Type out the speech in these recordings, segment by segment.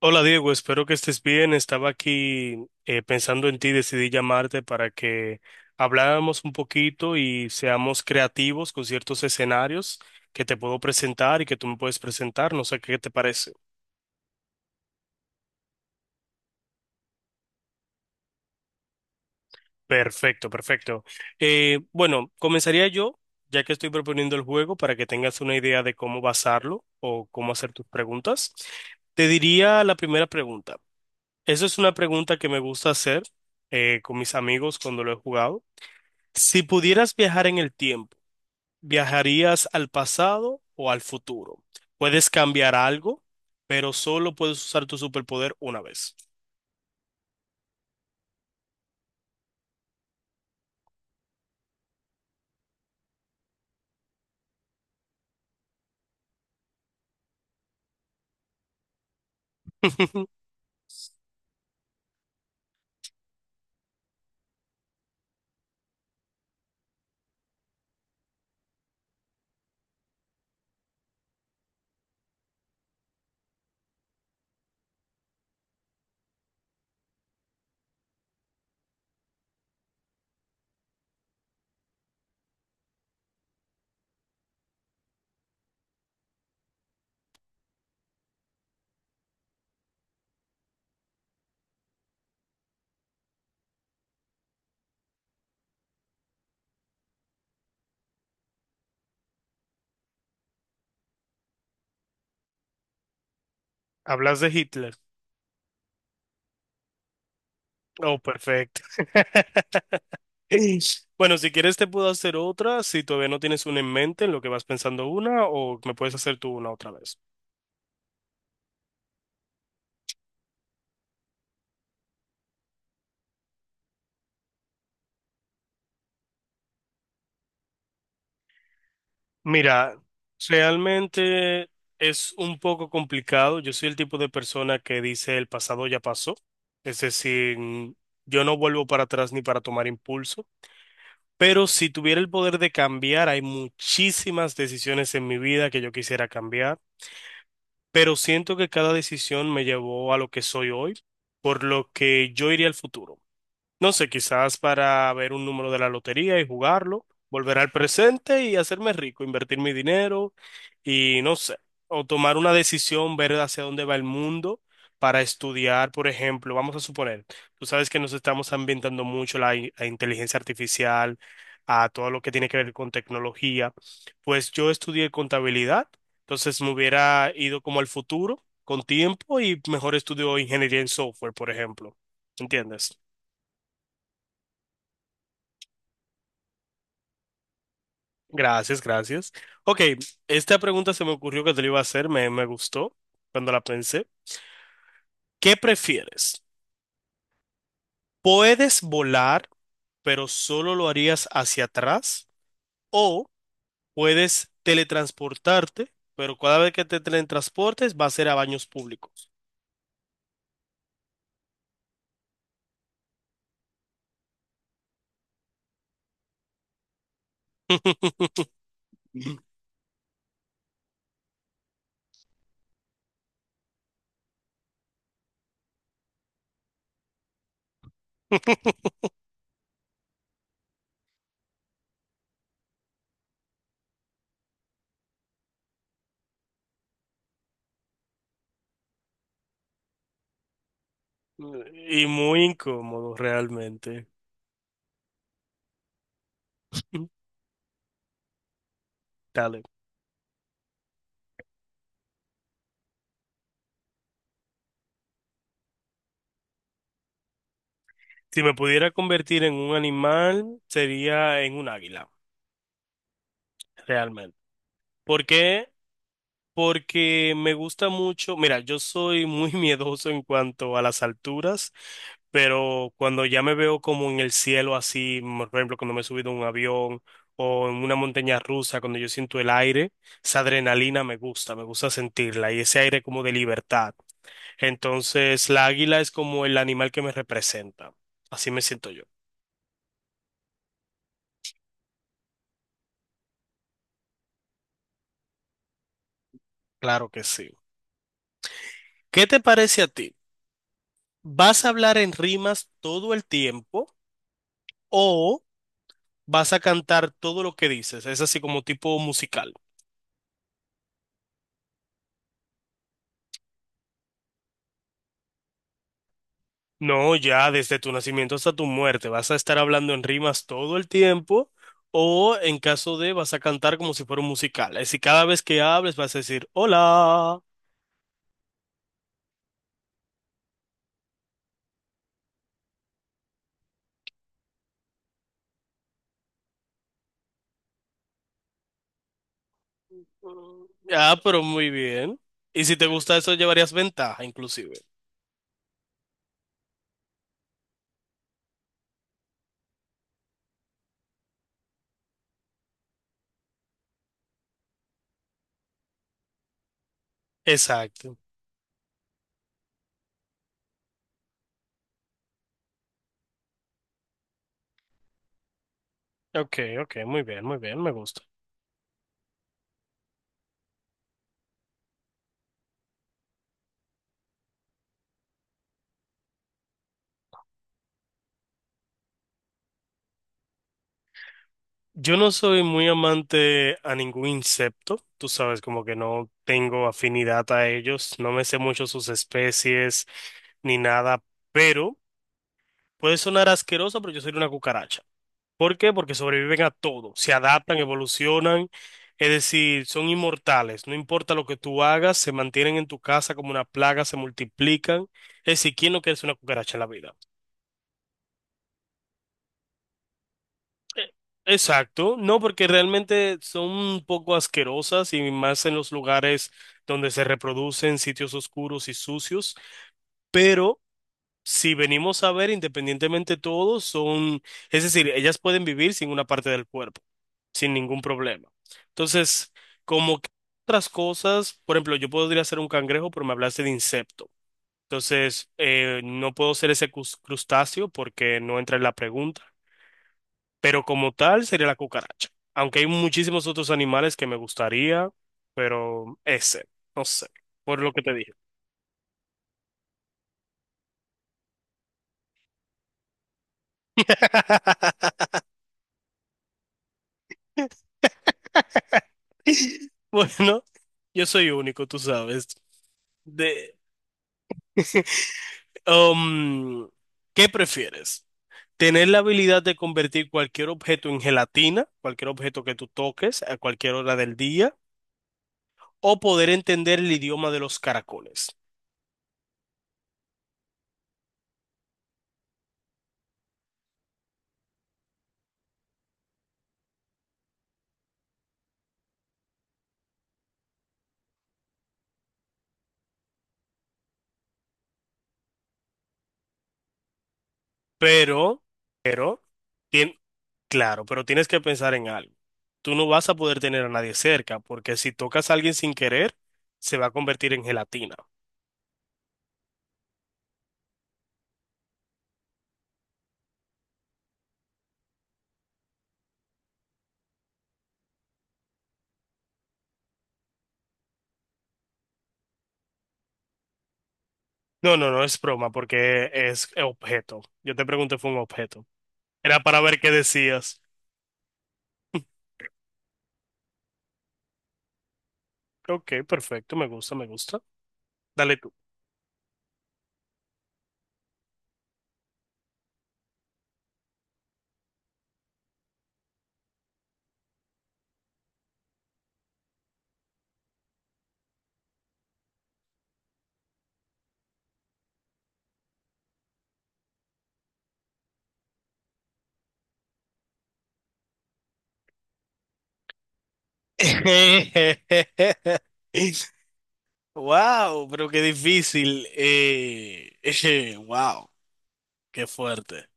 Hola Diego, espero que estés bien. Estaba aquí pensando en ti, decidí llamarte para que habláramos un poquito y seamos creativos con ciertos escenarios que te puedo presentar y que tú me puedes presentar. No sé qué te parece. Perfecto, perfecto. Bueno, comenzaría yo, ya que estoy proponiendo el juego, para que tengas una idea de cómo basarlo o cómo hacer tus preguntas. Te diría la primera pregunta. Esa es una pregunta que me gusta hacer con mis amigos cuando lo he jugado. Si pudieras viajar en el tiempo, ¿viajarías al pasado o al futuro? Puedes cambiar algo, pero solo puedes usar tu superpoder una vez. ¿Hablas de Hitler? Oh, perfecto. Bueno, si quieres te puedo hacer otra, si todavía no tienes una en mente en lo que vas pensando una, o me puedes hacer tú una otra vez. Mira, realmente es un poco complicado. Yo soy el tipo de persona que dice el pasado ya pasó. Es decir, yo no vuelvo para atrás ni para tomar impulso. Pero si tuviera el poder de cambiar, hay muchísimas decisiones en mi vida que yo quisiera cambiar. Pero siento que cada decisión me llevó a lo que soy hoy, por lo que yo iría al futuro. No sé, quizás para ver un número de la lotería y jugarlo, volver al presente y hacerme rico, invertir mi dinero y no sé, o tomar una decisión, ver hacia dónde va el mundo para estudiar, por ejemplo, vamos a suponer, tú sabes que nos estamos ambientando mucho a inteligencia artificial, a todo lo que tiene que ver con tecnología, pues yo estudié contabilidad, entonces me hubiera ido como al futuro con tiempo y mejor estudio ingeniería en software, por ejemplo, ¿entiendes? Gracias, gracias. Ok, esta pregunta se me ocurrió que te la iba a hacer, me gustó cuando la pensé. ¿Qué prefieres? ¿Puedes volar, pero solo lo harías hacia atrás? ¿O puedes teletransportarte, pero cada vez que te teletransportes va a ser a baños públicos? Y muy incómodo realmente. Dale. Si me pudiera convertir en un animal, sería en un águila, realmente. ¿Por qué? Porque me gusta mucho, mira, yo soy muy miedoso en cuanto a las alturas, pero cuando ya me veo como en el cielo así, por ejemplo, cuando me he subido a un avión o en una montaña rusa, cuando yo siento el aire, esa adrenalina me gusta sentirla y ese aire como de libertad. Entonces, la águila es como el animal que me representa. Así me siento yo. Claro que sí. ¿Qué te parece a ti? ¿Vas a hablar en rimas todo el tiempo o... vas a cantar todo lo que dices, es así como tipo musical? No, ya desde tu nacimiento hasta tu muerte, vas a estar hablando en rimas todo el tiempo o en caso de vas a cantar como si fuera un musical. Es así cada vez que hables vas a decir, hola. Ah, pero muy bien. Y si te gusta eso, llevarías ventaja, inclusive. Exacto. Ok, ok, muy bien, me gusta. Yo no soy muy amante a ningún insecto, tú sabes, como que no tengo afinidad a ellos, no me sé mucho sus especies ni nada, pero puede sonar asqueroso, pero yo soy una cucaracha. ¿Por qué? Porque sobreviven a todo, se adaptan, evolucionan, es decir, son inmortales, no importa lo que tú hagas, se mantienen en tu casa como una plaga, se multiplican. Es decir, ¿quién no quiere ser una cucaracha en la vida? Eh, Exacto, no, porque realmente son un poco asquerosas y más en los lugares donde se reproducen sitios oscuros y sucios, pero si venimos a ver independientemente todos son, es decir, ellas pueden vivir sin una parte del cuerpo, sin ningún problema. Entonces, como que otras cosas, por ejemplo, yo podría ser un cangrejo, pero me hablaste de insecto. Entonces, no puedo ser ese crustáceo porque no entra en la pregunta, pero como tal sería la cucaracha. Aunque hay muchísimos otros animales que me gustaría, pero ese, no sé, por lo que te dije. Bueno, yo soy único, tú sabes. De, um, ¿qué prefieres? ¿Tener la habilidad de convertir cualquier objeto en gelatina, cualquier objeto que tú toques a cualquier hora del día, o poder entender el idioma de los caracoles? Pero, pero, tien- claro, pero tienes que pensar en algo. Tú no vas a poder tener a nadie cerca, porque si tocas a alguien sin querer, se va a convertir en gelatina. No, no, no es broma, porque es objeto. Yo te pregunté, fue un objeto. Era para ver qué decías. Ok, perfecto, me gusta, me gusta. Dale tú. Wow, pero qué difícil. Wow, qué fuerte.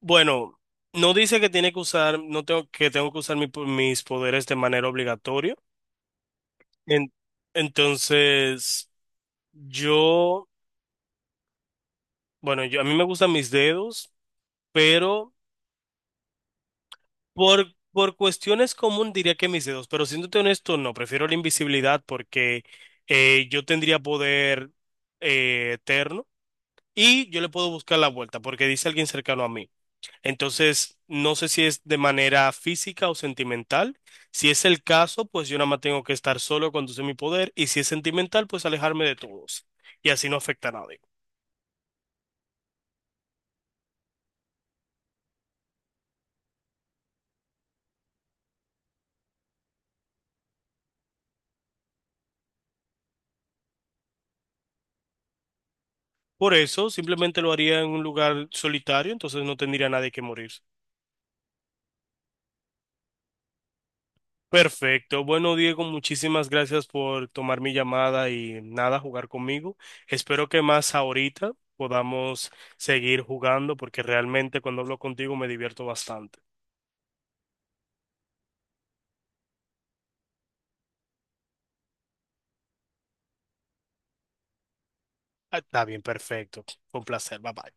Bueno, no dice que tiene que usar, no tengo que tengo que usar mis poderes de manera obligatoria. En- entonces, yo, bueno, yo a mí me gustan mis dedos, pero por cuestiones común diría que mis dedos, pero siéndote honesto, no, prefiero la invisibilidad porque yo tendría poder eterno y yo le puedo buscar la vuelta porque dice alguien cercano a mí. Entonces, no sé si es de manera física o sentimental. Si es el caso, pues yo nada más tengo que estar solo cuando use mi poder. Y si es sentimental, pues alejarme de todos. Y así no afecta a nadie. Por eso, simplemente lo haría en un lugar solitario, entonces no tendría nadie que morir. Perfecto. Bueno, Diego, muchísimas gracias por tomar mi llamada y nada, jugar conmigo. Espero que más ahorita podamos seguir jugando porque realmente cuando hablo contigo me divierto bastante. Ah, está bien, perfecto. Fue un placer. Bye bye.